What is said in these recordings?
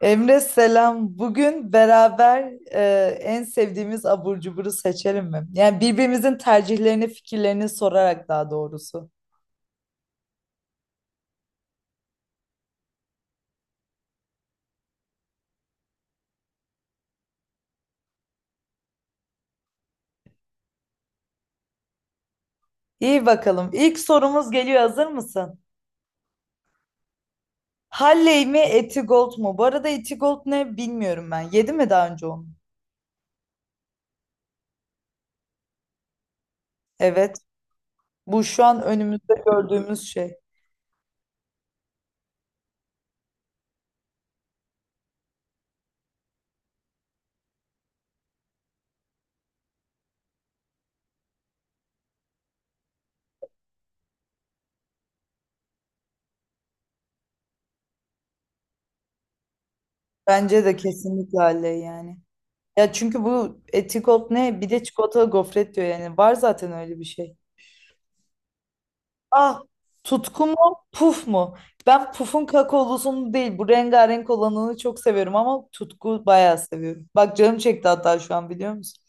Emre selam. Bugün beraber en sevdiğimiz abur cuburu seçelim mi? Yani birbirimizin tercihlerini, fikirlerini sorarak daha doğrusu. İyi bakalım. İlk sorumuz geliyor. Hazır mısın? Halley mi, Etigold mu? Bu arada Etigold ne bilmiyorum ben. Yedi mi daha önce onu? Evet. Bu şu an önümüzde gördüğümüz şey. Bence de kesinlikle öyle yani. Ya çünkü bu etikot ne? Bir de çikolatalı gofret diyor yani. Var zaten öyle bir şey. Ah, tutku mu puf mu? Ben pufun kakaolusunu değil bu rengarenk olanını çok seviyorum ama tutku bayağı seviyorum. Bak canım çekti hatta şu an biliyor musun?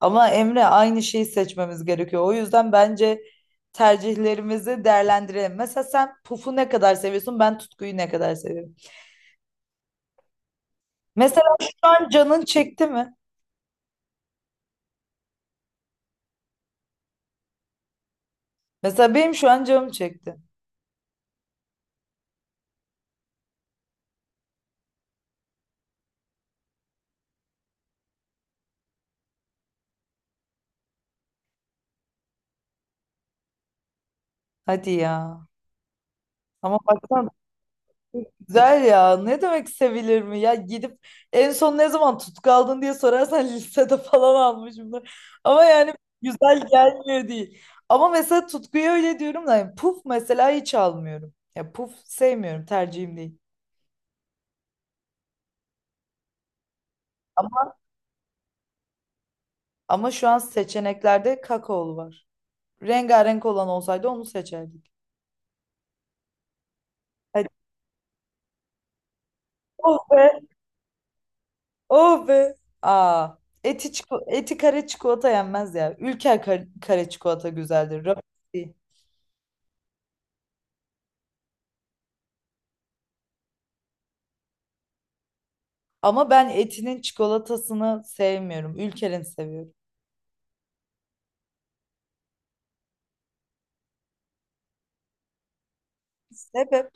Ama Emre aynı şeyi seçmemiz gerekiyor. O yüzden bence tercihlerimizi değerlendirelim. Mesela sen pufu ne kadar seviyorsun ben tutkuyu ne kadar seviyorum. Mesela şu an canın çekti mi? Mesela benim şu an canım çekti. Hadi ya. Ama baksana güzel ya. Ne demek sevilir mi? Ya gidip en son ne zaman tutku aldın diye sorarsan lisede falan almışımdır. Ama yani güzel gelmiyor değil. Ama mesela tutkuyu öyle diyorum da yani puf mesela hiç almıyorum. Ya puf sevmiyorum tercihim değil. Ama, ama şu an seçeneklerde kakaolu var. Rengarenk olan olsaydı onu seçerdik. Hadi. Oh be. Oh be. Aa, eti, eti kare çikolata yenmez ya. Ülker kare, kare çikolata güzeldir. Rafine değil. Ama ben etinin çikolatasını sevmiyorum. Ülker'in seviyorum. Sebep.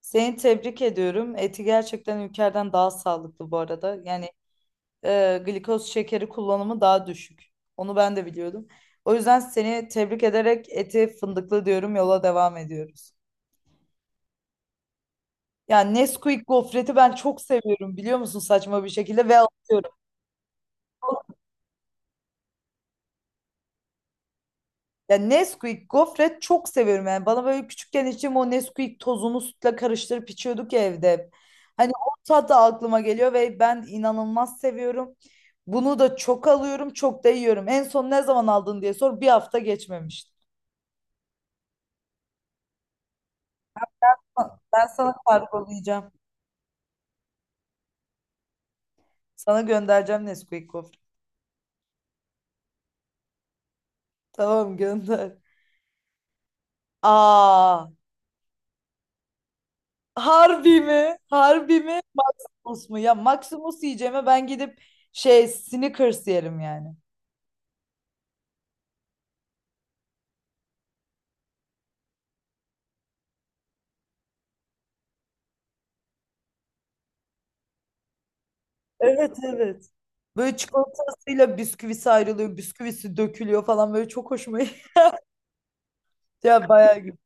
Seni tebrik ediyorum. Eti gerçekten Ülker'den daha sağlıklı bu arada. Yani glikoz şekeri kullanımı daha düşük. Onu ben de biliyordum. O yüzden seni tebrik ederek eti fındıklı diyorum. Yola devam ediyoruz. Yani Nesquik gofreti ben çok seviyorum biliyor musun saçma bir şekilde ve alıyorum. Ya Nesquik gofret çok seviyorum yani. Bana böyle küçükken içim o Nesquik tozunu sütle karıştırıp içiyorduk ya evde. Hep. Hani o tat da aklıma geliyor ve ben inanılmaz seviyorum. Bunu da çok alıyorum, çok da yiyorum. En son ne zaman aldın diye sor. Bir hafta geçmemişti. Ha, ben sana kargolayacağım. Sana göndereceğim Nesquik gofret. Tamam gönder. Aa, harbi mi? Harbi mi? Maximus mu? Ya Maximus yiyeceğime ben gidip şey Snickers yerim yani. Evet evet. Böyle çikolatasıyla bisküvisi ayrılıyor, bisküvisi dökülüyor falan böyle çok hoşuma gitti. Ya bayağı gü-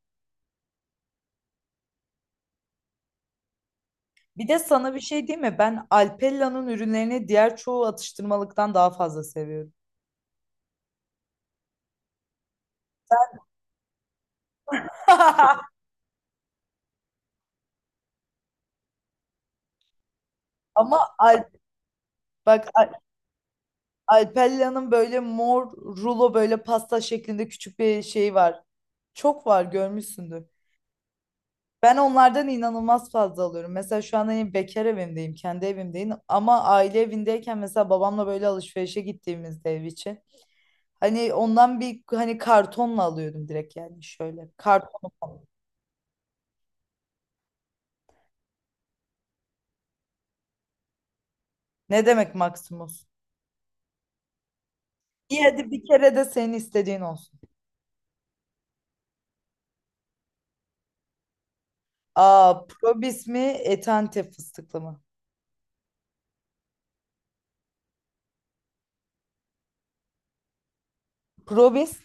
Bir de sana bir şey diyeyim mi? Ben Alpella'nın ürünlerini diğer çoğu atıştırmalıktan daha fazla seviyorum. Ama Al bak Al- Alpella'nın böyle mor rulo böyle pasta şeklinde küçük bir şey var. Çok var görmüşsündür. Ben onlardan inanılmaz fazla alıyorum. Mesela şu an hani bekar evimdeyim, kendi evimdeyim. Ama aile evindeyken mesela babamla böyle alışverişe gittiğimizde ev için. Hani ondan bir hani kartonla alıyordum direkt yani şöyle. Karton. Ne demek Maximus? İyi hadi bir kere de senin istediğin olsun. Aa, Probis mi, Etante fıstıklı mı? Probis?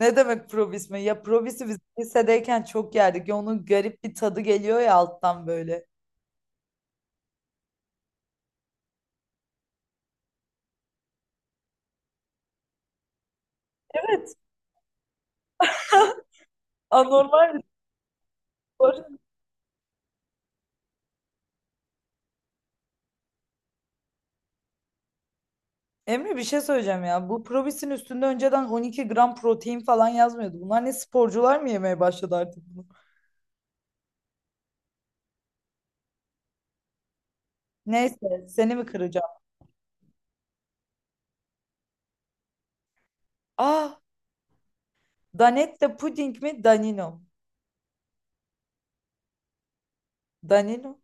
Ne demek probis mi? Ya probisi biz lisedeyken çok yerdik. Ya onun garip bir tadı geliyor ya alttan böyle. Evet. Anormal bir spor. Emre bir şey söyleyeceğim ya. Bu probisin üstünde önceden 12 gram protein falan yazmıyordu. Bunlar ne sporcular mı yemeye başladı artık bunu? Neyse seni mi kıracağım? Ah, Danette puding mi? Danino. Mu? Danino.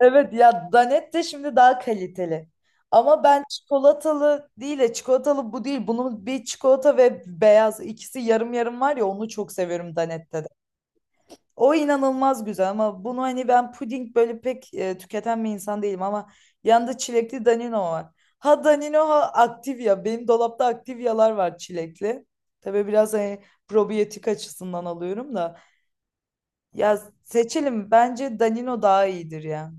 Evet ya Danette şimdi daha kaliteli. Ama ben çikolatalı değil de çikolatalı bu değil. Bunun bir çikolata ve beyaz ikisi yarım yarım var ya onu çok seviyorum Danette'de. O inanılmaz güzel ama bunu hani ben puding böyle pek tüketen bir insan değilim ama yanında çilekli Danino var. Ha Danino ha Activia. Benim dolapta Activia'lar var çilekli. Tabii biraz hani probiyotik açısından alıyorum da. Ya seçelim. Bence Danino daha iyidir ya.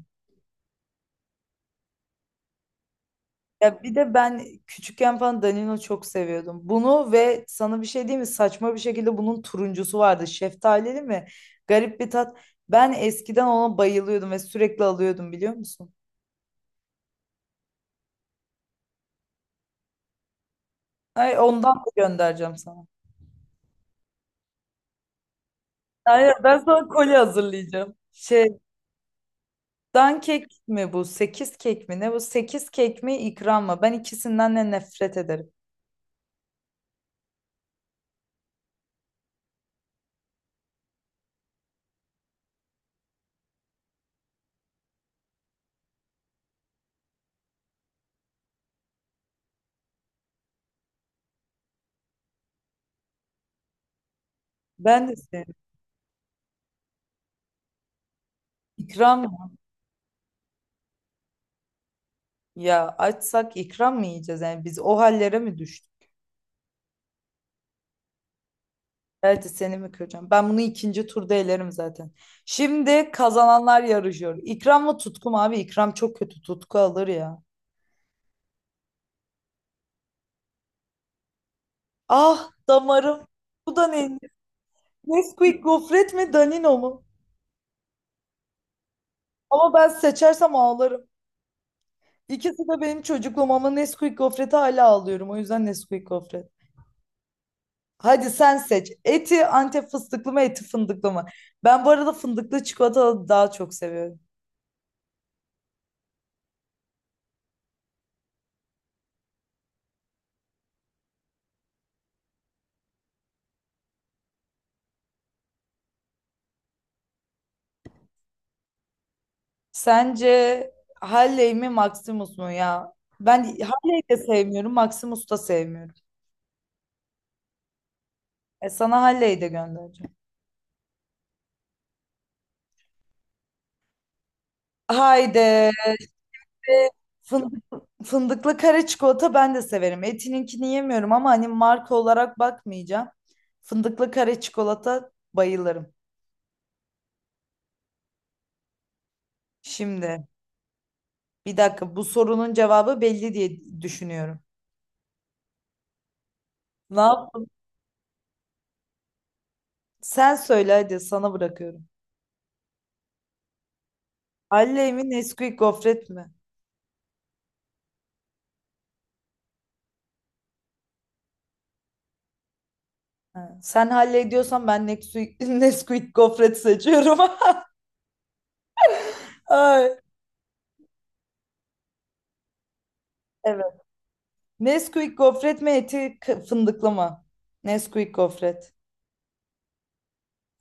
Ya bir de ben küçükken falan Danino çok seviyordum. Bunu ve sana bir şey diyeyim mi? Saçma bir şekilde bunun turuncusu vardı. Şeftalili mi? Garip bir tat. Ben eskiden ona bayılıyordum ve sürekli alıyordum biliyor musun? Ay ondan da göndereceğim sana. Aynen ben sana kolye hazırlayacağım. Şey, dan kek mi bu? Sekiz kek mi? Ne bu? Sekiz kek mi ikram mı? Ben ikisinden de nefret ederim. Ben de seviyorum. İkram. Ya açsak ikram mı yiyeceğiz? Yani biz o hallere mi düştük? Evet seni mi kıracağım? Ben bunu ikinci turda elerim zaten. Şimdi kazananlar yarışıyor. İkram mı tutku mu abi? İkram çok kötü. Tutku alır ya. Ah damarım. Bu da ne? Nesquik gofret mi Danino mu? Ama ben seçersem ağlarım. İkisi de benim çocukluğum ama Nesquik gofreti hala ağlıyorum. O yüzden Nesquik gofret. Hadi sen seç. Eti Antep fıstıklı mı eti fındıklı mı? Ben bu arada fındıklı çikolata daha çok seviyorum. Sence Halley mi Maximus mu ya? Ben Halley'i de sevmiyorum, Maximus da sevmiyorum. E sana Halley'i de göndereceğim. Haydi. Fındık, fındıklı kare çikolata ben de severim. Etininkini yemiyorum ama hani marka olarak bakmayacağım. Fındıklı kare çikolata bayılırım. Şimdi bir dakika bu sorunun cevabı belli diye düşünüyorum. Ne yap? Sen söyle hadi sana bırakıyorum. Halley mi Nesquik gofret mi? Ha, sen hallediyorsan ben Nesquik, Nesquik gofret seçiyorum. Ay. Evet. Nesquik gofret mi eti k- fındıklı mı? Nesquik gofret.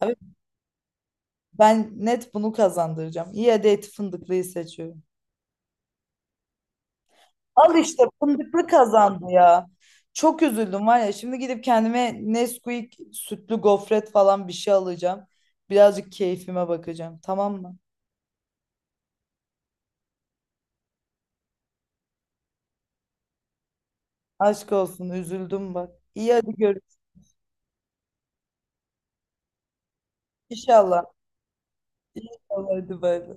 Abi ben net bunu kazandıracağım. İyi hadi eti fındıklıyı seçiyorum. Al işte fındıklı kazandı ya. Çok üzüldüm var ya. Şimdi gidip kendime Nesquik sütlü gofret falan bir şey alacağım. Birazcık keyfime bakacağım. Tamam mı? Aşk olsun üzüldüm bak. İyi hadi görüşürüz. İnşallah. İnşallah hadi bay bay.